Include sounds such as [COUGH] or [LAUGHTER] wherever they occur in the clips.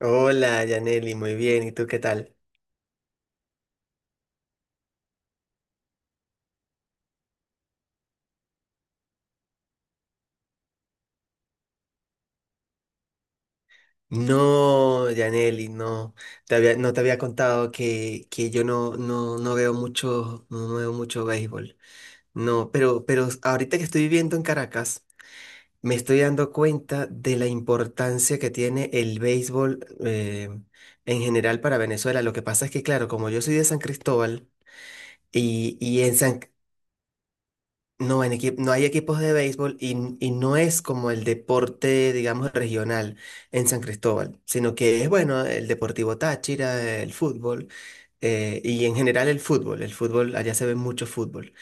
Hola, Yaneli, muy bien. ¿Y tú qué tal? No, Yaneli, no. No te había contado que yo no veo mucho, no veo mucho béisbol. No, pero ahorita que estoy viviendo en Caracas, me estoy dando cuenta de la importancia que tiene el béisbol en general para Venezuela. Lo que pasa es que, claro, como yo soy de San Cristóbal y en San. No, no hay equipos de béisbol y no es como el deporte, digamos, regional en San Cristóbal, sino que es, bueno, el Deportivo Táchira, el fútbol, y en general el fútbol. El fútbol, allá se ve mucho fútbol.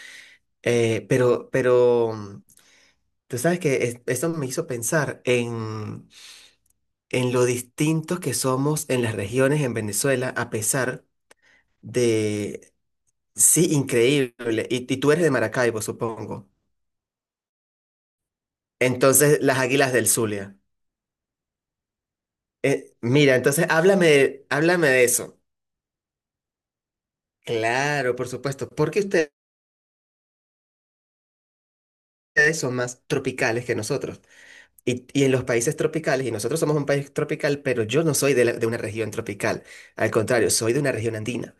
Pero tú sabes eso me hizo pensar en lo distintos que somos en las regiones en Venezuela, a pesar de. Sí, increíble. Y tú eres de Maracaibo, supongo. Entonces, las Águilas del Zulia. Mira, entonces háblame de eso. Claro, por supuesto, porque ustedes son más tropicales que nosotros. Y en los países tropicales, y nosotros somos un país tropical, pero yo no soy de una región tropical. Al contrario, soy de una región andina.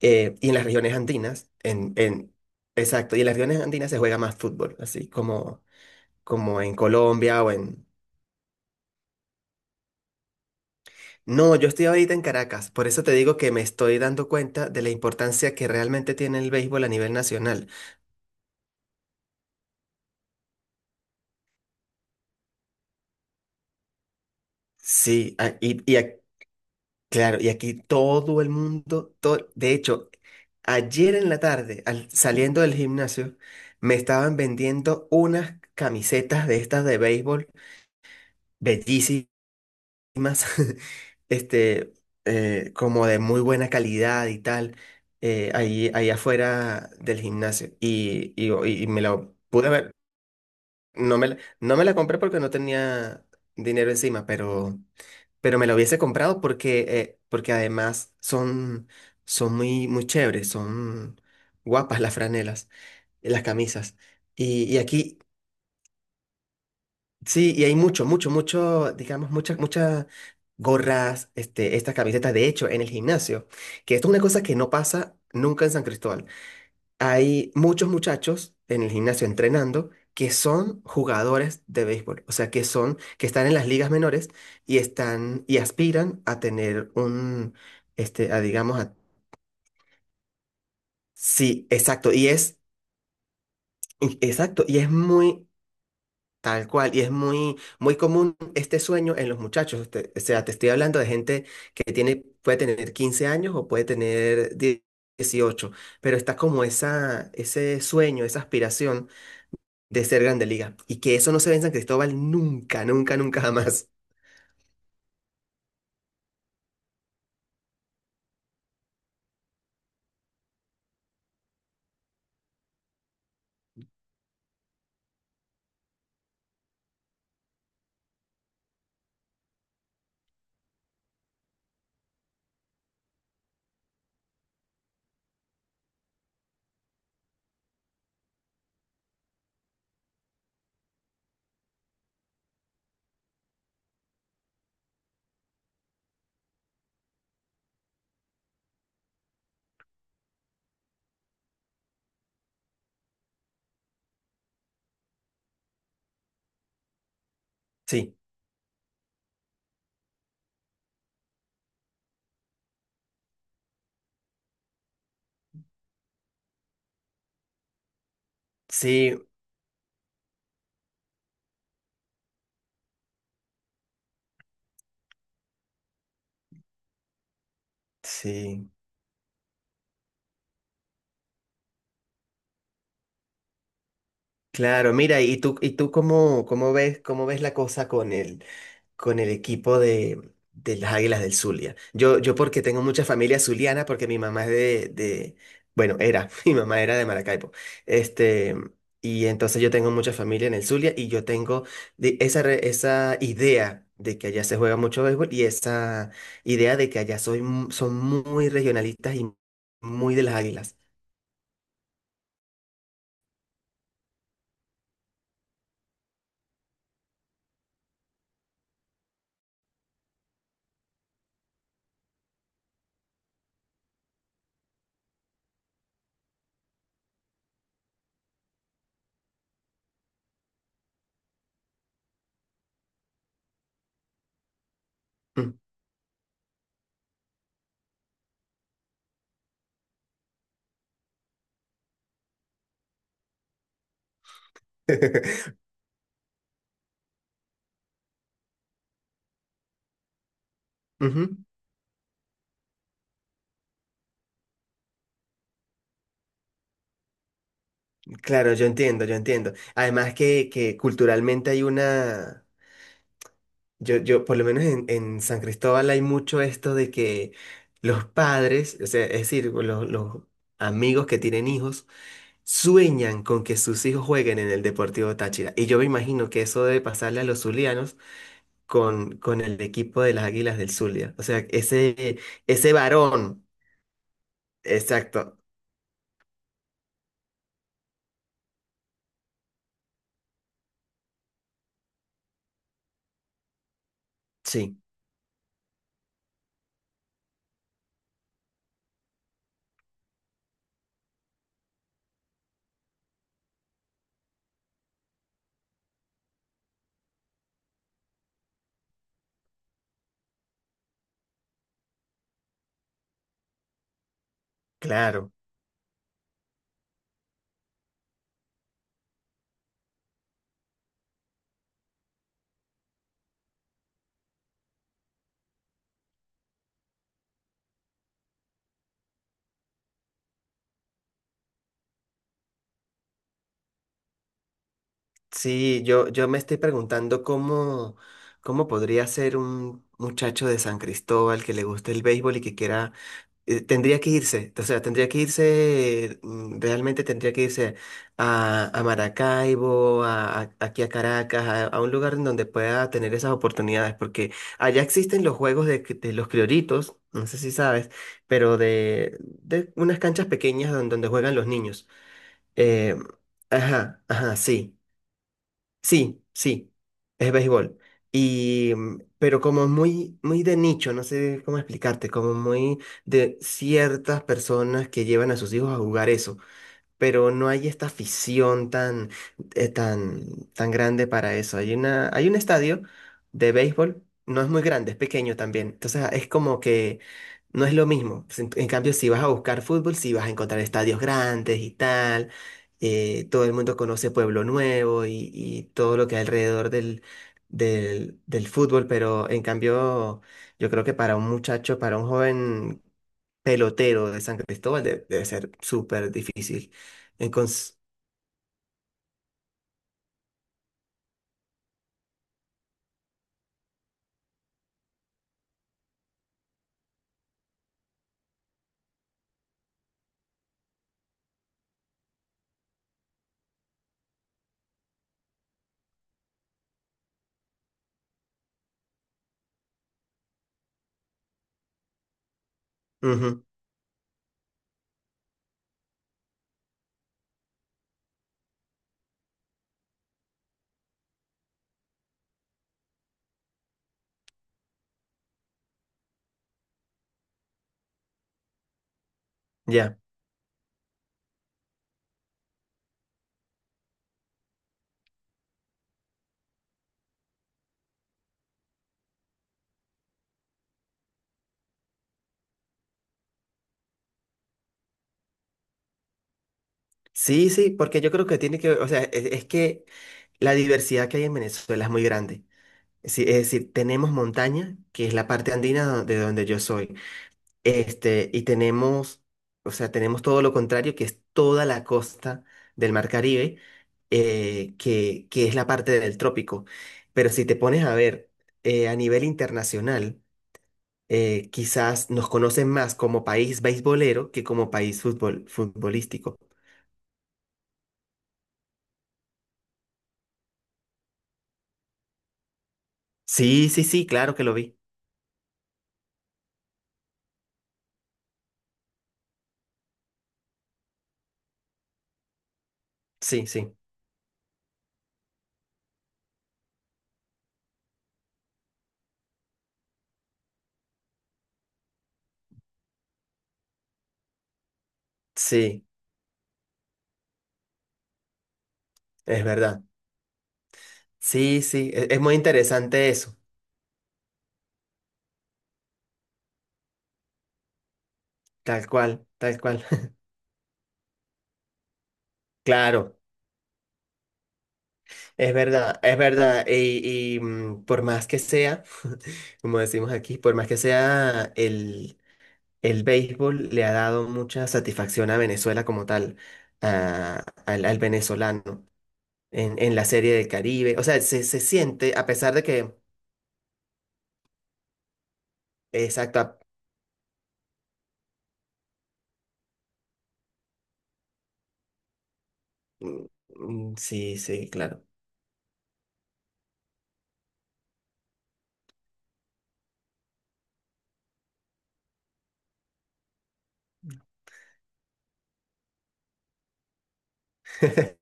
Y en las regiones andinas, exacto, y en las regiones andinas se juega más fútbol, así como, como en Colombia o en… No, yo estoy ahorita en Caracas, por eso te digo que me estoy dando cuenta de la importancia que realmente tiene el béisbol a nivel nacional. Sí, a- y, y a- claro, y aquí todo el mundo, todo, de hecho, ayer en la tarde, saliendo del gimnasio, me estaban vendiendo unas camisetas de estas de béisbol, bellísimas, [LAUGHS] este, como de muy buena calidad y tal, ahí afuera del gimnasio. Y y, me la pude ver, no me la compré porque no tenía dinero encima, pero… pero me lo hubiese comprado porque, porque además son muy chéveres, son guapas las franelas, las camisas. Y aquí, sí, y hay mucho, mucho, mucho, digamos, muchas gorras, este, estas camisetas, de hecho, en el gimnasio, que esto es una cosa que no pasa nunca en San Cristóbal. Hay muchos muchachos en el gimnasio entrenando que son jugadores de béisbol, o sea, que están en las ligas menores y están y aspiran a tener un, este, a digamos, a- sí, exacto, exacto, y es muy tal cual, y es muy, muy común este sueño en los muchachos, este, o sea, te estoy hablando de gente que tiene, puede tener 15 años o puede tener 10, 18, pero está como esa, ese sueño, esa aspiración de ser Grande Liga. Y que eso no se ve en San Cristóbal nunca, nunca, nunca jamás. Sí, sí, sí. Claro, mira, ¿y tú cómo, cómo ves la cosa con él? Con el equipo de las Águilas del Zulia. Yo porque tengo mucha familia zuliana, porque mi mamá es bueno, era, [LAUGHS] mi mamá era de Maracaibo. Este, y entonces yo tengo mucha familia en el Zulia y yo tengo esa idea de que allá se juega mucho béisbol y esa idea de que allá son muy regionalistas y muy de las Águilas. Mm. [LAUGHS] Ujú. Claro, yo entiendo, yo entiendo. Además que culturalmente hay una… Por lo menos en San Cristóbal hay mucho esto de que los padres, o sea, es decir, los amigos que tienen hijos, sueñan con que sus hijos jueguen en el Deportivo Táchira. Y yo me imagino que eso debe pasarle a los zulianos con el equipo de las Águilas del Zulia. O sea, ese varón. Exacto. Sí, claro. Sí, yo me estoy preguntando cómo, cómo podría ser un muchacho de San Cristóbal que le guste el béisbol y que quiera tendría que irse, o sea, tendría que irse, mm, realmente tendría que irse a Maracaibo, aquí a Caracas, a un lugar en donde pueda tener esas oportunidades, porque allá existen los juegos de los crioritos, no sé si sabes, pero de unas canchas pequeñas donde juegan los niños. Eh, ajá, ajá, sí. Sí, sí, es béisbol. Y, mm, pero como muy, muy de nicho, no sé cómo explicarte, como muy de ciertas personas que llevan a sus hijos a jugar eso, pero no hay esta afición tan, tan grande para eso. Hay una, hay un estadio de béisbol, no es muy grande, es pequeño también. Entonces ah, es como que no es lo mismo. En cambio, si vas a buscar fútbol, si vas a encontrar estadios grandes y tal. Todo el mundo conoce Pueblo Nuevo y todo lo que hay alrededor del fútbol, pero en cambio, yo creo que para un muchacho, para un joven pelotero de San Cristóbal, de- debe ser súper difícil. En cons- Ujú, ya. Sí, sí, porque yo creo que tiene que, o sea, es que la diversidad que hay en Venezuela es muy grande. Sí, es decir, tenemos montaña, que es la parte andina de donde yo soy. Este, y tenemos, o sea, tenemos todo lo contrario, que es toda la costa del Mar Caribe, que es la parte del trópico. Pero si te pones a ver a nivel internacional, quizás nos conocen más como país beisbolero que como país fútbol futbolístico. Sí, sí, sí, claro que lo vi. Sí, sí, sí, es verdad. Sí, sí, es muy interesante eso, tal cual, tal cual. [LAUGHS] Claro, es verdad, es verdad. Y mm, por más que sea, [LAUGHS] como decimos aquí, por más que sea, el béisbol le ha dado mucha satisfacción a Venezuela como tal, al al venezolano. En la serie del Caribe. O sea, se siente, a pesar de que, exacto, a- mm, mm, sí, sí, claro. [LAUGHS]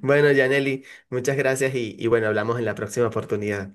Bueno, Yaneli, muchas gracias y bueno, hablamos en la próxima oportunidad.